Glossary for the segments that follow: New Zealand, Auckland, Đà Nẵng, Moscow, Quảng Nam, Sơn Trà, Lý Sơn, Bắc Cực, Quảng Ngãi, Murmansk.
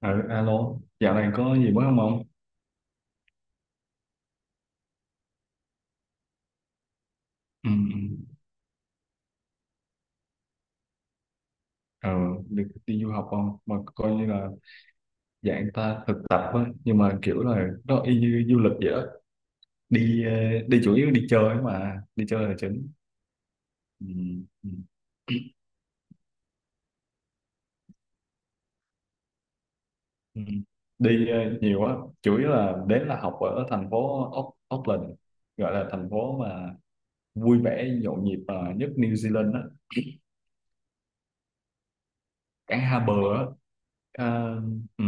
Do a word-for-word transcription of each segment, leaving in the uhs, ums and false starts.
Ờ, Alo, dạo này có gì mới không ông? Ừ, ừ. ờ, Được đi du học không? Mà coi như là dạng ta thực tập á, nhưng mà kiểu là nó y như du lịch vậy đó. Đi ờ, đi chủ yếu đi chơi mà, đi chơi là chính. Ừ, ừ. Ừ. Đi ờ, nhiều quá, chủ yếu là đến là học ở thành phố Auck- Auckland, gọi là thành phố mà vui vẻ nhộn nhịp ờ, nhất New Zealand đó. Cảng Hà Bờ á. Ờ, ừ,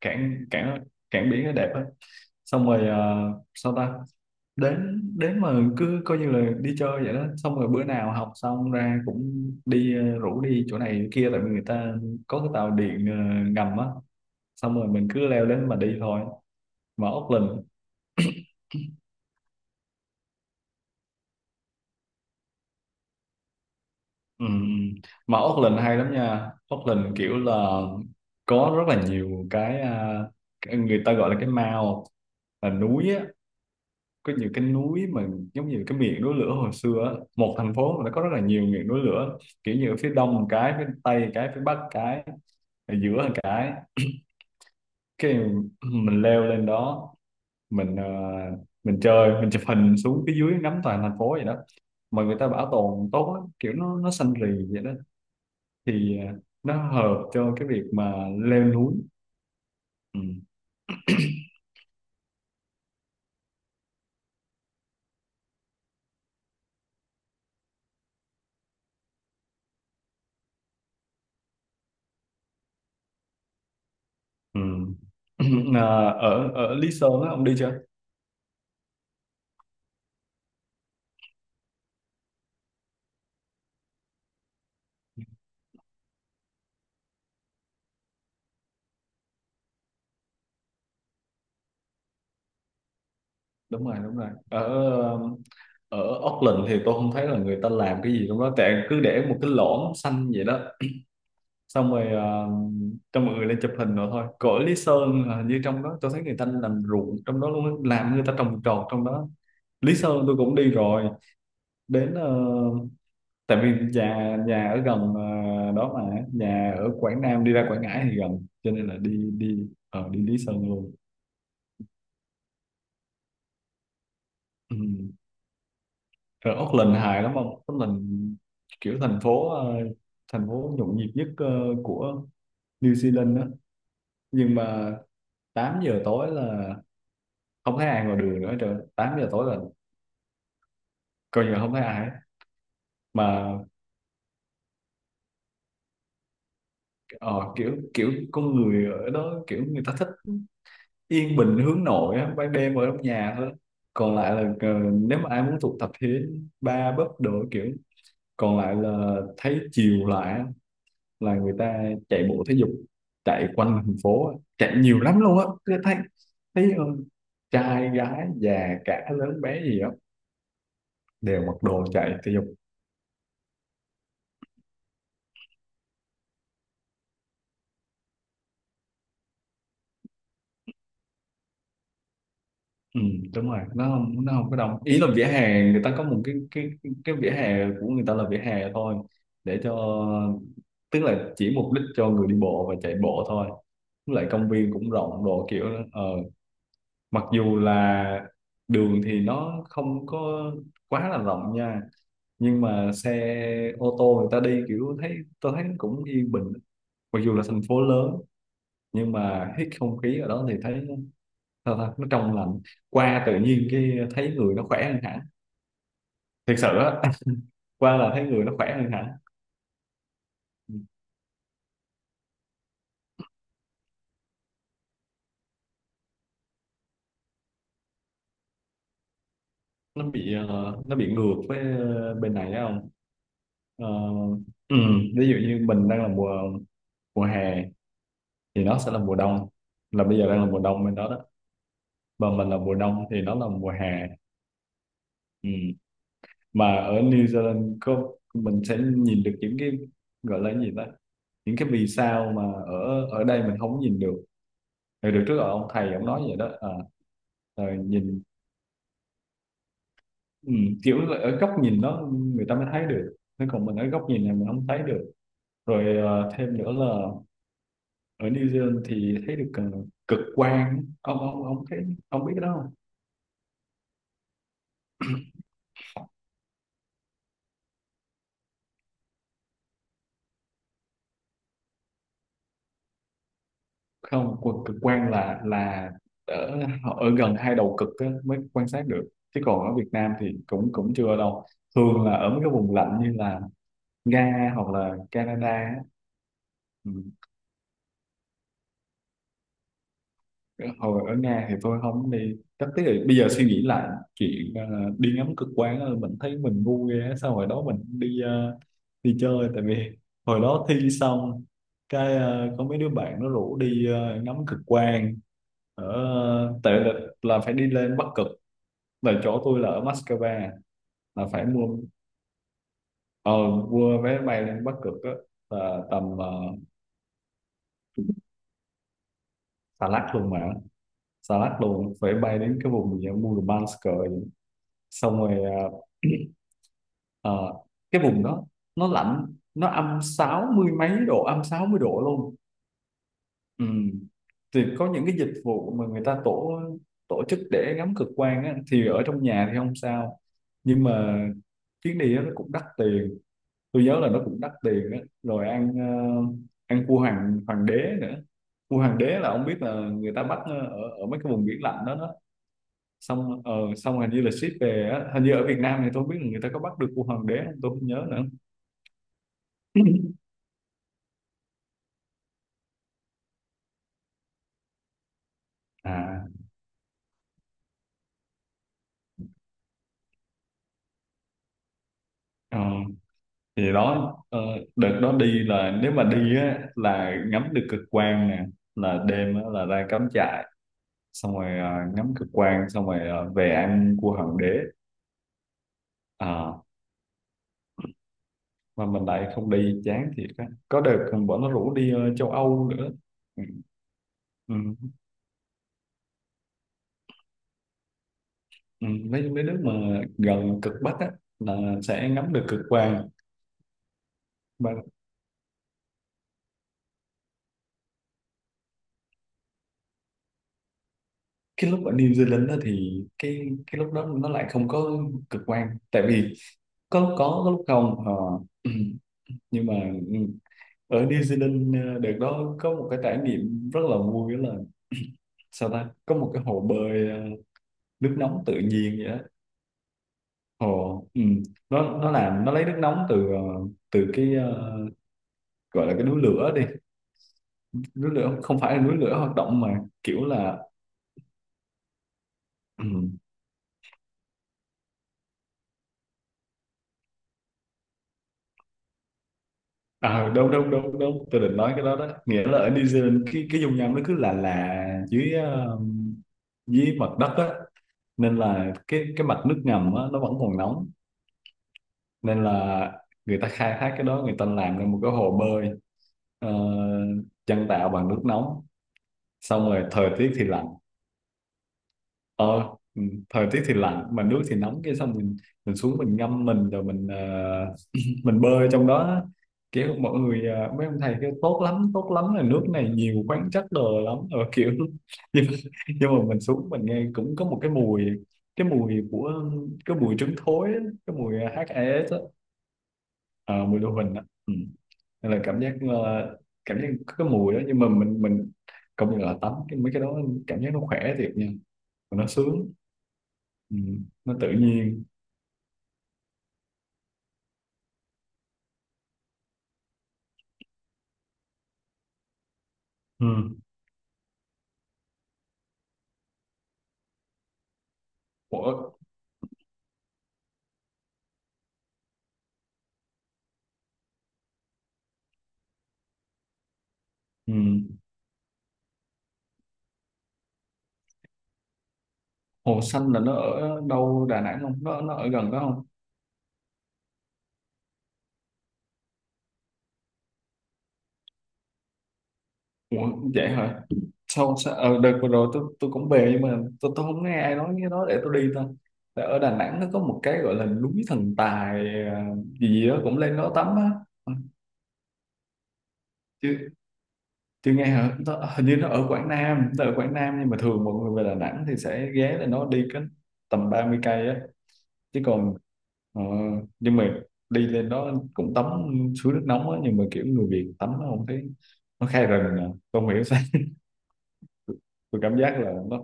cảng cảng cảng biển nó đẹp á, xong rồi ờ, sao ta đến đến mà cứ coi như là đi chơi vậy đó, xong rồi bữa nào học xong ra cũng đi, ờ, rủ đi chỗ này kia tại vì người ta có cái tàu điện ờ, ngầm á, xong rồi mình cứ leo lên mà đi thôi. Mà Auckland, ừ, mà Auckland hay lắm nha. Auckland kiểu là có rất là nhiều cái à, cái người ta gọi là cái mall, là núi á, có nhiều cái núi mà giống như cái miệng núi lửa hồi xưa á. Một thành phố mà nó có rất là nhiều miệng núi lửa, kiểu như ở phía đông một cái, phía tây một cái, phía bắc một cái, ở giữa một cái. Cái mình leo lên đó, mình ờ, mình chơi, mình chụp hình xuống phía dưới ngắm toàn thành phố vậy đó, mà người ta bảo tồn tốt lắm, kiểu nó nó xanh rì vậy đó. thì ờ, nó hợp cho cái việc mà leo núi. Ừ. Ừ. Ờ, ở ở Lý Sơn á ông đi chưa? Đúng rồi, đúng rồi. Ở ở Auckland thì tôi không thấy là người ta làm cái gì trong đó, tại cứ để một cái lõm xanh vậy đó. Xong rồi ờ, cho mọi người lên chụp hình rồi thôi. Cõi Lý Sơn là hình như trong đó tôi thấy người ta làm ruộng trong đó luôn á, làm người ta trồng trọt trong đó. Lý Sơn tôi cũng đi rồi, đến ờ, tại vì nhà nhà ở gần ờ, đó, mà nhà ở Quảng Nam đi ra Quảng Ngãi thì gần, cho nên là đi đi ờ, đi Lý Sơn luôn. Ừ. Rồi Auckland hài lắm không? Auckland kiểu thành phố ờ, thành phố nhộn nhịp nhất ờ, của New Zealand đó. Nhưng mà tám giờ tối là không thấy ai ngoài đường nữa trời. Tám giờ tối là coi như là không thấy ai. Mà ờ, kiểu kiểu con người ở đó kiểu người ta thích yên bình, hướng nội á, ban đêm ở trong nhà thôi. Còn lại là ờ, nếu mà ai muốn tụ tập thì đến bar, pub đồ kiểu. Còn lại là thấy chiều lại là người ta chạy bộ thể dục, chạy quanh thành phố, chạy nhiều lắm luôn á tôi thấy. Thấy ờ, trai gái già cả lớn bé gì á đều mặc đồ chạy thể dục. Ừ, đúng rồi, nó không nó không có đông. Ý là vỉa hè người ta có một cái cái cái vỉa hè của người ta là vỉa hè thôi, để cho, tức là chỉ mục đích cho người đi bộ và chạy bộ thôi. Với lại công viên cũng rộng đồ kiểu đó. ờ, Mặc dù là đường thì nó không có quá là rộng nha, nhưng mà xe ô tô người ta đi kiểu thấy tôi thấy nó cũng yên bình. Mặc dù là thành phố lớn nhưng mà hít không khí ở đó thì thấy nó, sao ta, nó trong lành, qua tự nhiên cái thấy người nó khỏe hơn hẳn, thiệt sự á. Qua là thấy người nó khỏe hơn hẳn. nó bị ờ, nó bị ngược với ờ, bên này á, không? Ờ, ừ, ví dụ như mình đang là mùa mùa hè thì nó sẽ là mùa đông, là bây giờ đang là mùa đông bên đó đó. Và mình là mùa đông thì nó là mùa hè. Ừ. Mà ở New Zealand có mình sẽ nhìn được những cái gọi là cái gì đó, những cái vì sao mà ở ở đây mình không nhìn được. Thì được trước ở ông thầy ông nói vậy đó à, rồi nhìn, ừ, kiểu là ở góc nhìn đó người ta mới thấy được, thế còn mình ở góc nhìn này mình không thấy được. Rồi ờ, thêm nữa là ở New Zealand thì thấy được ờ, cực quang. Ông ông ông thấy, ông biết cái đó không? Quần cực quang là là ở ở gần hai đầu cực á, mới quan sát được, chứ còn ở Việt Nam thì cũng cũng chưa đâu. Thường là ở mấy cái vùng lạnh như là Nga hoặc là Canada á. Ừ. Hồi ở Nga thì tôi không đi, chắc tiếc là bây giờ suy nghĩ lại chuyện ờ, đi ngắm cực quang á, mình thấy mình ngu ghê á. Sao hồi đó mình đi ờ, đi chơi, tại vì hồi đó thi xong cái ờ, có mấy đứa bạn nó rủ đi ờ, ngắm cực quang ở, tại là, là phải đi lên Bắc Cực, là chỗ tôi là ở Moscow, là phải mua ờ, mua vé bay lên Bắc Cực á, là tầm uh, xà lách luôn mà, xà lách luôn, phải bay đến cái vùng gì ở Murmansk. Rồi xong rồi ờ, ờ, cái vùng đó nó lạnh, nó âm sáu mươi mấy độ, âm sáu mươi độ luôn. Ừ. Thì có những cái dịch vụ mà người ta tổ tổ chức để ngắm cực quang á, thì ở trong nhà thì không sao. Nhưng mà chuyến đi đó nó cũng đắt tiền, tôi nhớ là nó cũng đắt tiền á. Rồi ăn ờ, ăn cua hoàng hoàng đế nữa. Cua hoàng đế là ông biết là người ta bắt ờ, ở ở mấy cái vùng biển lạnh đó đó, xong ờ, xong hình như là ship về á. Hình như ở Việt Nam thì tôi không biết là người ta có bắt được cua hoàng đế không, tôi không nhớ nữa. À, ờ, thì đó, ờ, đợt đó đi là nếu mà đi á là ngắm được cực quang nè, là đêm á, là ra cắm trại, xong rồi ờ, ngắm cực quang, xong rồi ờ, về ăn cua hoàng đế. Ờ, mà mình lại không đi, chán thiệt á. Có đợt còn bọn nó rủ đi ờ, châu Âu nữa. Ừ, ừ, ừ, mấy mấy nước mà gần cực Bắc á là sẽ ngắm được cực quang. Mà cái lúc ở New Zealand đó thì cái cái lúc đó nó lại không có cực quang, tại vì có, có, có lúc không. ờ, ừ. Nhưng mà, ừ, ở New Zealand ờ, đợt đó có một cái trải nghiệm rất là vui, đó là sao ta có một cái hồ bơi ờ, nước nóng tự nhiên vậy đó. Ồ, ừ. Nó nó làm nó lấy nước nóng từ ờ, từ cái ờ, gọi là cái núi lửa đi, núi lửa không phải là núi lửa hoạt động mà kiểu là, ừ. À, đâu đâu đâu đâu tôi định nói cái đó đó, nghĩa là ở New Zealand cái cái dung nham nó cứ là là dưới ờ, dưới mặt đất á, nên là cái cái mặt nước ngầm á nó vẫn còn nóng, nên là người ta khai thác cái đó, người ta làm ra một cái hồ bơi ờ, nhân tạo bằng nước nóng. Xong rồi thời tiết thì lạnh, ờ ừ, thời tiết thì lạnh mà nước thì nóng. Cái xong mình mình xuống mình ngâm mình rồi mình ờ, mình bơi trong đó, kiểu mọi người ờ, mấy ông thầy kêu tốt lắm, tốt lắm là nước này nhiều khoáng chất đồ lắm rồi kiểu nhưng, mà nhưng mà mình xuống mình nghe cũng có một cái mùi, cái mùi của cái mùi trứng thối á, cái mùi hát hai ét á, ờ, mùi lưu huỳnh á, ừ. Nên là cảm giác ờ, cảm giác có cái mùi đó, nhưng mà mình mình công nhận là tắm cái mấy cái đó cảm giác nó khỏe thiệt nha, nó sướng. Ừ. Nó tự nhiên. Ừ. Ủa, ừ. Hồ Xanh là nó ở đâu Đà Nẵng không? Nó nó ở gần đó không? Ủa, vậy hả? Sao, sao? Ờ, đợt vừa rồi tôi tôi cũng về nhưng mà tôi tôi không nghe ai nói cái đó để tôi đi ta. Tại ở Đà Nẵng nó có một cái gọi là núi thần tài à, gì gì đó cũng lên đó tắm á. Ừ, Chưa chưa nghe hả? Nó, hình như nó ở Quảng Nam, nó ở Quảng Nam, nhưng mà thường mọi người về Đà Nẵng thì sẽ ghé lên. Nó đi cái tầm ba mươi cây á. Chứ còn ờ, nhưng mà đi lên đó cũng tắm suối nước nóng á, nhưng mà kiểu người Việt tắm nó không thấy, nó khai rừng à. Tôi không hiểu sao. Tôi cảm giác là nó,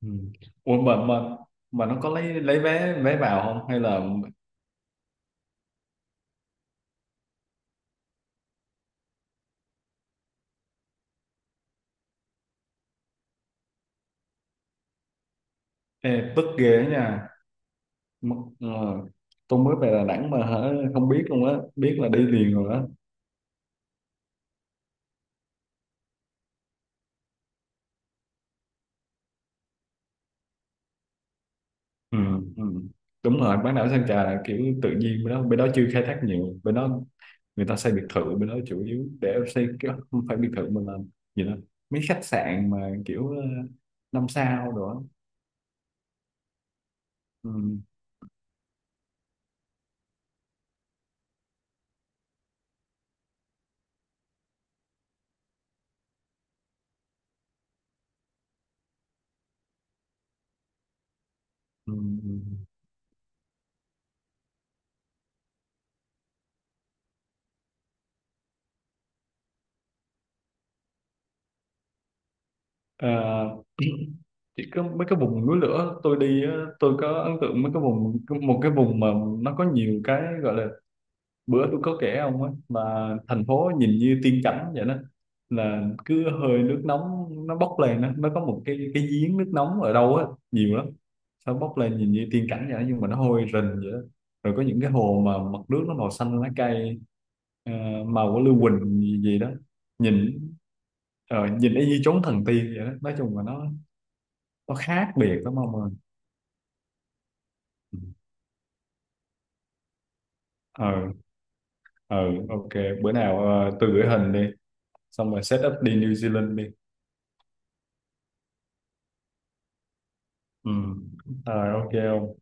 ừ. Ủa mà mà mà nó có lấy lấy vé vé vào không hay là? Ê, tức ghê đó nha. M- ờ, tôi mới về Đà Nẵng mà hả, không biết luôn á, biết là đi liền rồi á. Ừ, ừ. Đúng rồi, bán đảo Sơn Trà là kiểu tự nhiên, bên đó bên đó chưa khai thác nhiều, bên đó người ta xây biệt thự, bên đó chủ yếu để xây cái, không phải biệt thự mà là gì đó, mấy khách sạn mà kiểu ờ, năm sao đó. Ừ, ừ, ừ. Ờ, chỉ có mấy cái vùng núi lửa tôi đi á, tôi có ấn tượng mấy cái vùng, một cái vùng mà nó có nhiều cái gọi là, bữa tôi có kể ông á mà, thành phố nhìn như tiên cảnh vậy đó, là cứ hơi nước nóng nó bốc lên đó. Nó có một cái cái giếng nước nóng ở đâu á, nhiều lắm. Nó bốc lên nhìn như tiên cảnh vậy đó, nhưng mà nó hôi rình vậy đó. Rồi có những cái hồ mà mặt nước nó màu xanh lá cây, ờ, màu của lưu huỳnh gì, gì đó, nhìn, ờ, nhìn y như chốn thần tiên vậy đó. Nói chung là nó nó khác biệt lắm ông ơi. Ừ. ờ ờ ok, bữa nào ờ, tôi gửi hình đi, xong rồi set up đi New Zealand đi. Ừ. Rồi ok, ok.